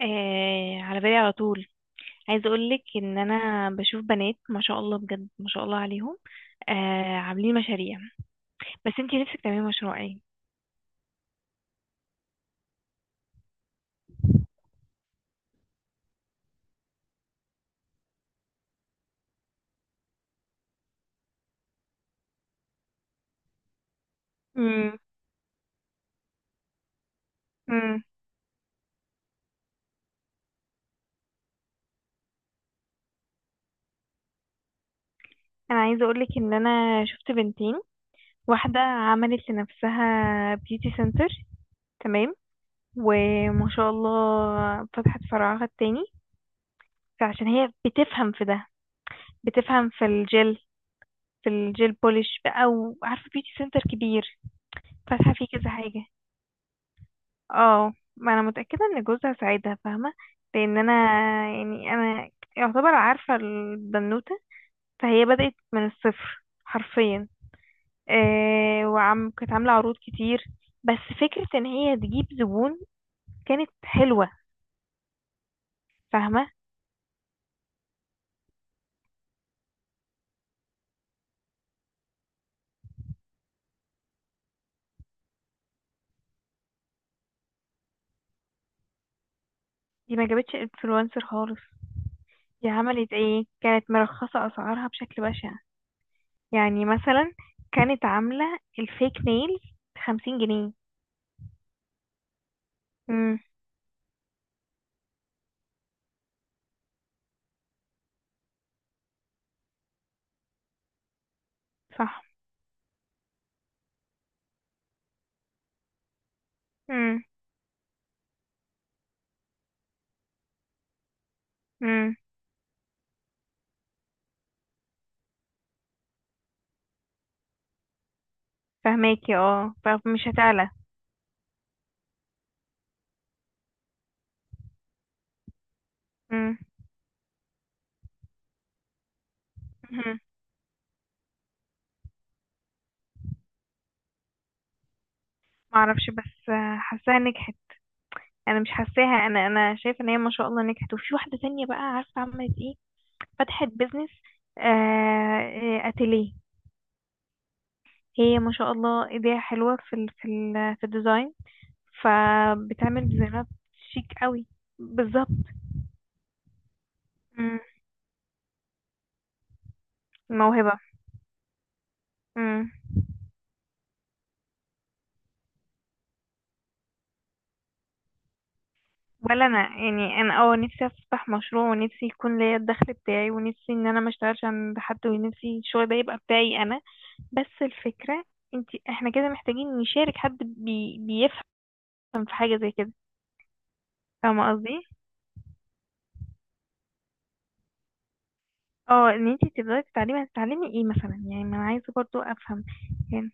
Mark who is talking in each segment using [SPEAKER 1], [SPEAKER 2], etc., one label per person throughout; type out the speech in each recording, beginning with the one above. [SPEAKER 1] آه، على بالي على طول. عايزه اقول لك ان انا بشوف بنات، ما شاء الله، بجد ما شاء الله عليهم. آه، عاملين مشاريع. بس انتي نفسك تعملي مشروع ايه؟ امم امم انا عايزه اقول لك ان انا شفت بنتين. واحده عملت لنفسها بيوتي سنتر، تمام، وما شاء الله فتحت فرعها التاني. فعشان هي بتفهم في ده، بتفهم في الجل في الجيل بوليش بقى، وعارفه بيوتي سنتر كبير فاتحه فيه كذا حاجه. اه، ما انا متأكدة ان جوزها ساعدها، فاهمة. لان انا، يعني انا، يعتبر عارفة البنوتة. فهي بدأت من الصفر حرفيا. آه، وعم كانت عاملة عروض كتير، بس فكرة ان هي تجيب زبون كانت حلوة، فاهمة. دي ما جابتش انفلونسر خالص. دي عملت ايه، كانت مرخصة اسعارها بشكل بشع. يعني مثلا كانت عاملة الفيك نيلز بـ50 جنيه. امم. صح. امم فهماكي. اه، فمش هتعلى. مم. مهم. معرفش، بس حاساها نجحت. انا مش حاساها، انا شايفه ان هي ما شاء الله نجحت. وفي واحده تانية بقى، عارفه عملت ايه؟ فتحت بيزنس، اتيليه. هي ما شاء الله ايديها حلوه في الديزاين. فبتعمل ديزاينات شيك قوي. بالظبط. مم. موهبه. مم. ولا انا، يعني انا، نفسي افتح مشروع، ونفسي يكون ليا الدخل بتاعي، ونفسي ان انا ما اشتغلش عند حد، ونفسي الشغل ده يبقى بتاعي انا. بس الفكرة، احنا كده محتاجين نشارك حد بيفهم في حاجة زي كده. فاهمة قصدي؟ اه، ان انت تبدأي تتعلمي، هتتعلمي ايه مثلا؟ يعني ما انا عايزة برضو افهم. يعني.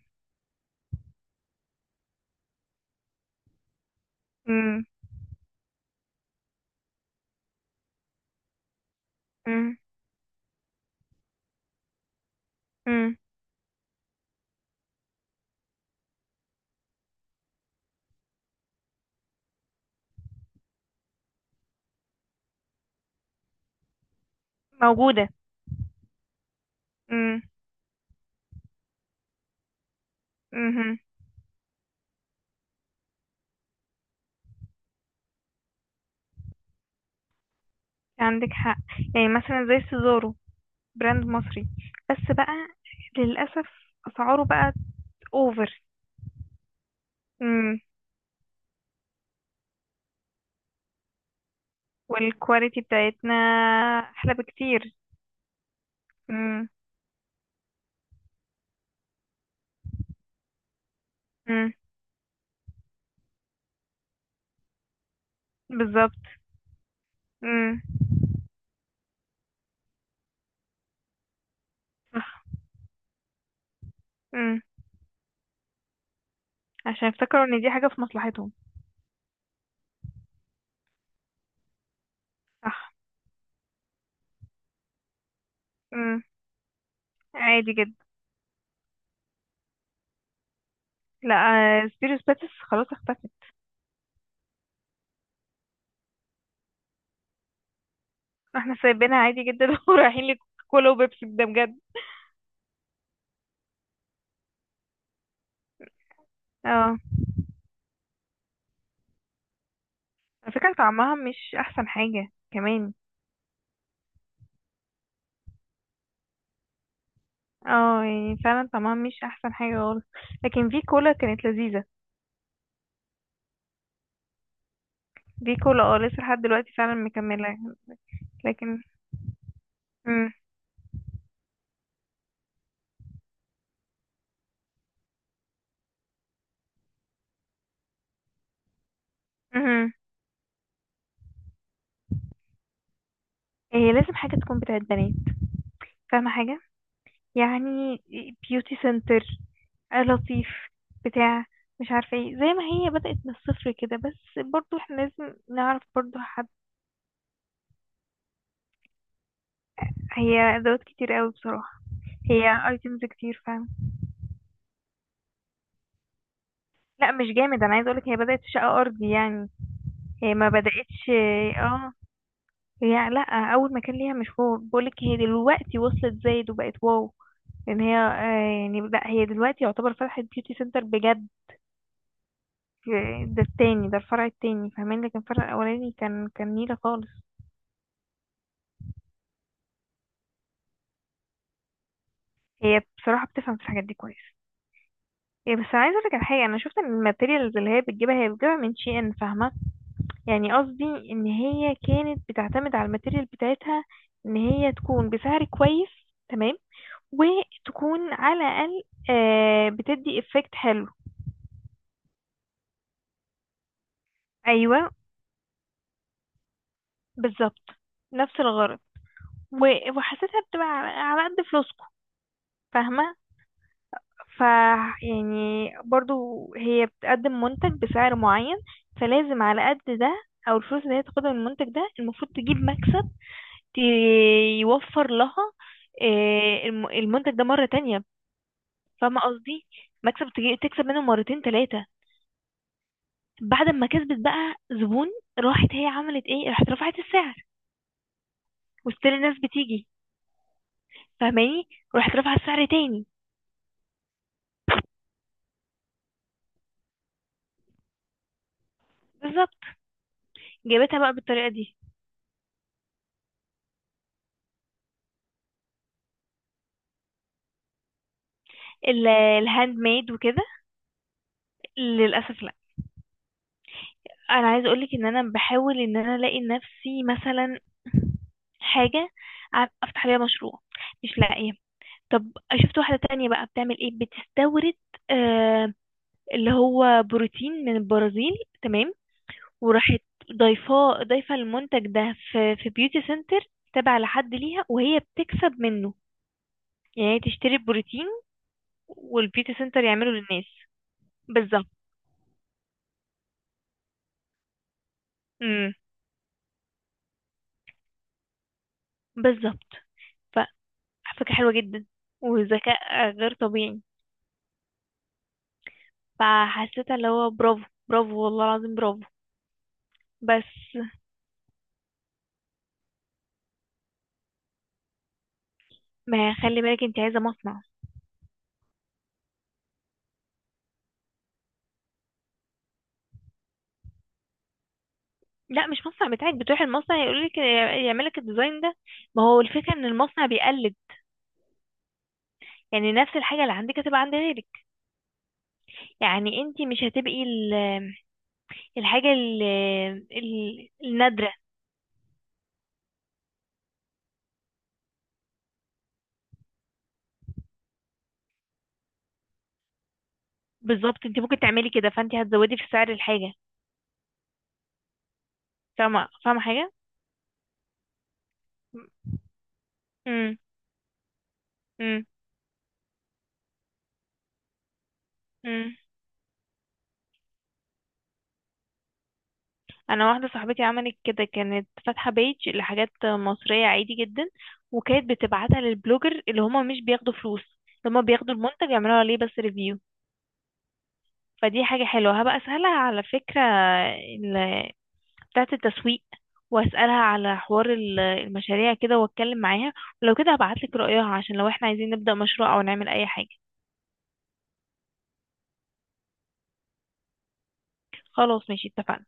[SPEAKER 1] امم. امم. امم. موجودة. امم. امم. عندك حق. يعني مثلا زي سيزارو، براند مصري، بس بقى للأسف أسعاره بقت أوفر. امم. والكواليتي بتاعتنا أحلى بكتير. امم. امم. بالظبط. امم عشان يفتكروا ان دي حاجة في مصلحتهم. صح. امم. عادي جدا. لا، سبيروس باتس خلاص اختفت. احنا سايبينها عادي جدا ورايحين لكولا وبيبسي، ده بجد. اه، على فكرة طعمها مش احسن حاجة كمان. اه، يعني فعلا طعمها مش احسن حاجة خالص. لكن في كولا كانت لذيذة. في كولا، لسه لحد دلوقتي فعلا مكملة. لكن، امم امم هي لازم حاجة تكون بتاعت بنات، فاهمة حاجة؟ يعني بيوتي سنتر، لطيف، بتاع، مش عارفة ايه، زي ما هي بدأت من الصفر كده، بس برضو احنا لازم نعرف برضو حد. هي ادوات كتير قوي بصراحة، هي ايتمز كتير فعلا. لا، مش جامد، انا عايزة اقولك هي بدأت في شقة ارضي يعني. هي ما بدأتش. اه، هي لا، اول مكان ليها مش هو، بقولك هي دلوقتي وصلت زايد وبقت واو. لان هي، يعني لا، هي دلوقتي يعتبر فتحت بيوتي سنتر بجد. ده التاني، ده الفرع التاني فاهماني، لكن الفرع الاولاني كان نيلة خالص. هي بصراحة بتفهم في الحاجات دي كويس. بس انا عايزه اقولك على حاجه، انا شفت ان الماتيريالز اللي هي بتجيبها، هي بتجيبها من شي ان، فاهمه. يعني قصدي ان هي كانت بتعتمد على الماتيريال بتاعتها، ان هي تكون بسعر كويس، تمام، وتكون على الاقل بتدي افكت حلو. ايوه، بالظبط، نفس الغرض. وحسيتها بتبقى على على قد فلوسكم، فاهمه. ف يعني برضو، هي بتقدم منتج بسعر معين، فلازم على قد ده. او الفلوس اللي هي تاخدها من المنتج ده المفروض تجيب مكسب، ت- يوفر لها المنتج ده مرة تانية. فاهمة قصدي. مكسب تكسب منه مرتين تلاتة. بعد ما كسبت بقى زبون، راحت هي عملت ايه؟ راحت رفعت السعر. وستيل الناس بتيجي، فاهماني. راحت رفعت السعر تاني. بالظبط، جابتها بقى بالطريقة دي. الهاند ميد وكده، للأسف. انا عايزه اقولك ان انا بحاول ان انا الاقي لنفسي مثلا حاجه افتح عليها مشروع، مش لاقيه. طب شفت واحده تانية بقى بتعمل ايه؟ بتستورد، آه، اللي هو بروتين من البرازيل، تمام. وراحت ضايفه المنتج ده في بيوتي سنتر، تابع لحد ليها، وهي بتكسب منه. يعني هي تشتري البروتين والبيوتي سنتر يعمله للناس. بالظبط. امم بالظبط. ف- فكره حلوه جدا، وذكاء غير طبيعي. فحسيت اللي هو برافو، برافو والله العظيم برافو. بس ما خلي بالك انت عايزه مصنع. لا، مش مصنع بتاعك، بتروح المصنع يقول لك يعمل لك الديزاين ده. ما هو الفكره ان المصنع بيقلد، يعني نفس الحاجه اللي عندك هتبقى عند غيرك. يعني انت مش هتبقي الحاجه النادره. بالظبط، انت ممكن تعملي كده، فانت هتزودي في سعر الحاجه، فاهمه حاجه. امم. امم. انا واحده صاحبتي عملت كده، كانت فاتحه بيج لحاجات مصريه عادي جدا، وكانت بتبعتها للبلوجر اللي هما مش بياخدوا فلوس، اللي هما بياخدوا المنتج يعملوا عليه بس ريفيو. فدي حاجه حلوه، هبقى اسالها على فكره، ال- بتاعه التسويق، واسالها على حوار المشاريع كده، واتكلم معاها. ولو كده هبعتلك رايها، عشان لو احنا عايزين نبدا مشروع او نعمل اي حاجه. خلاص، ماشي، اتفقنا.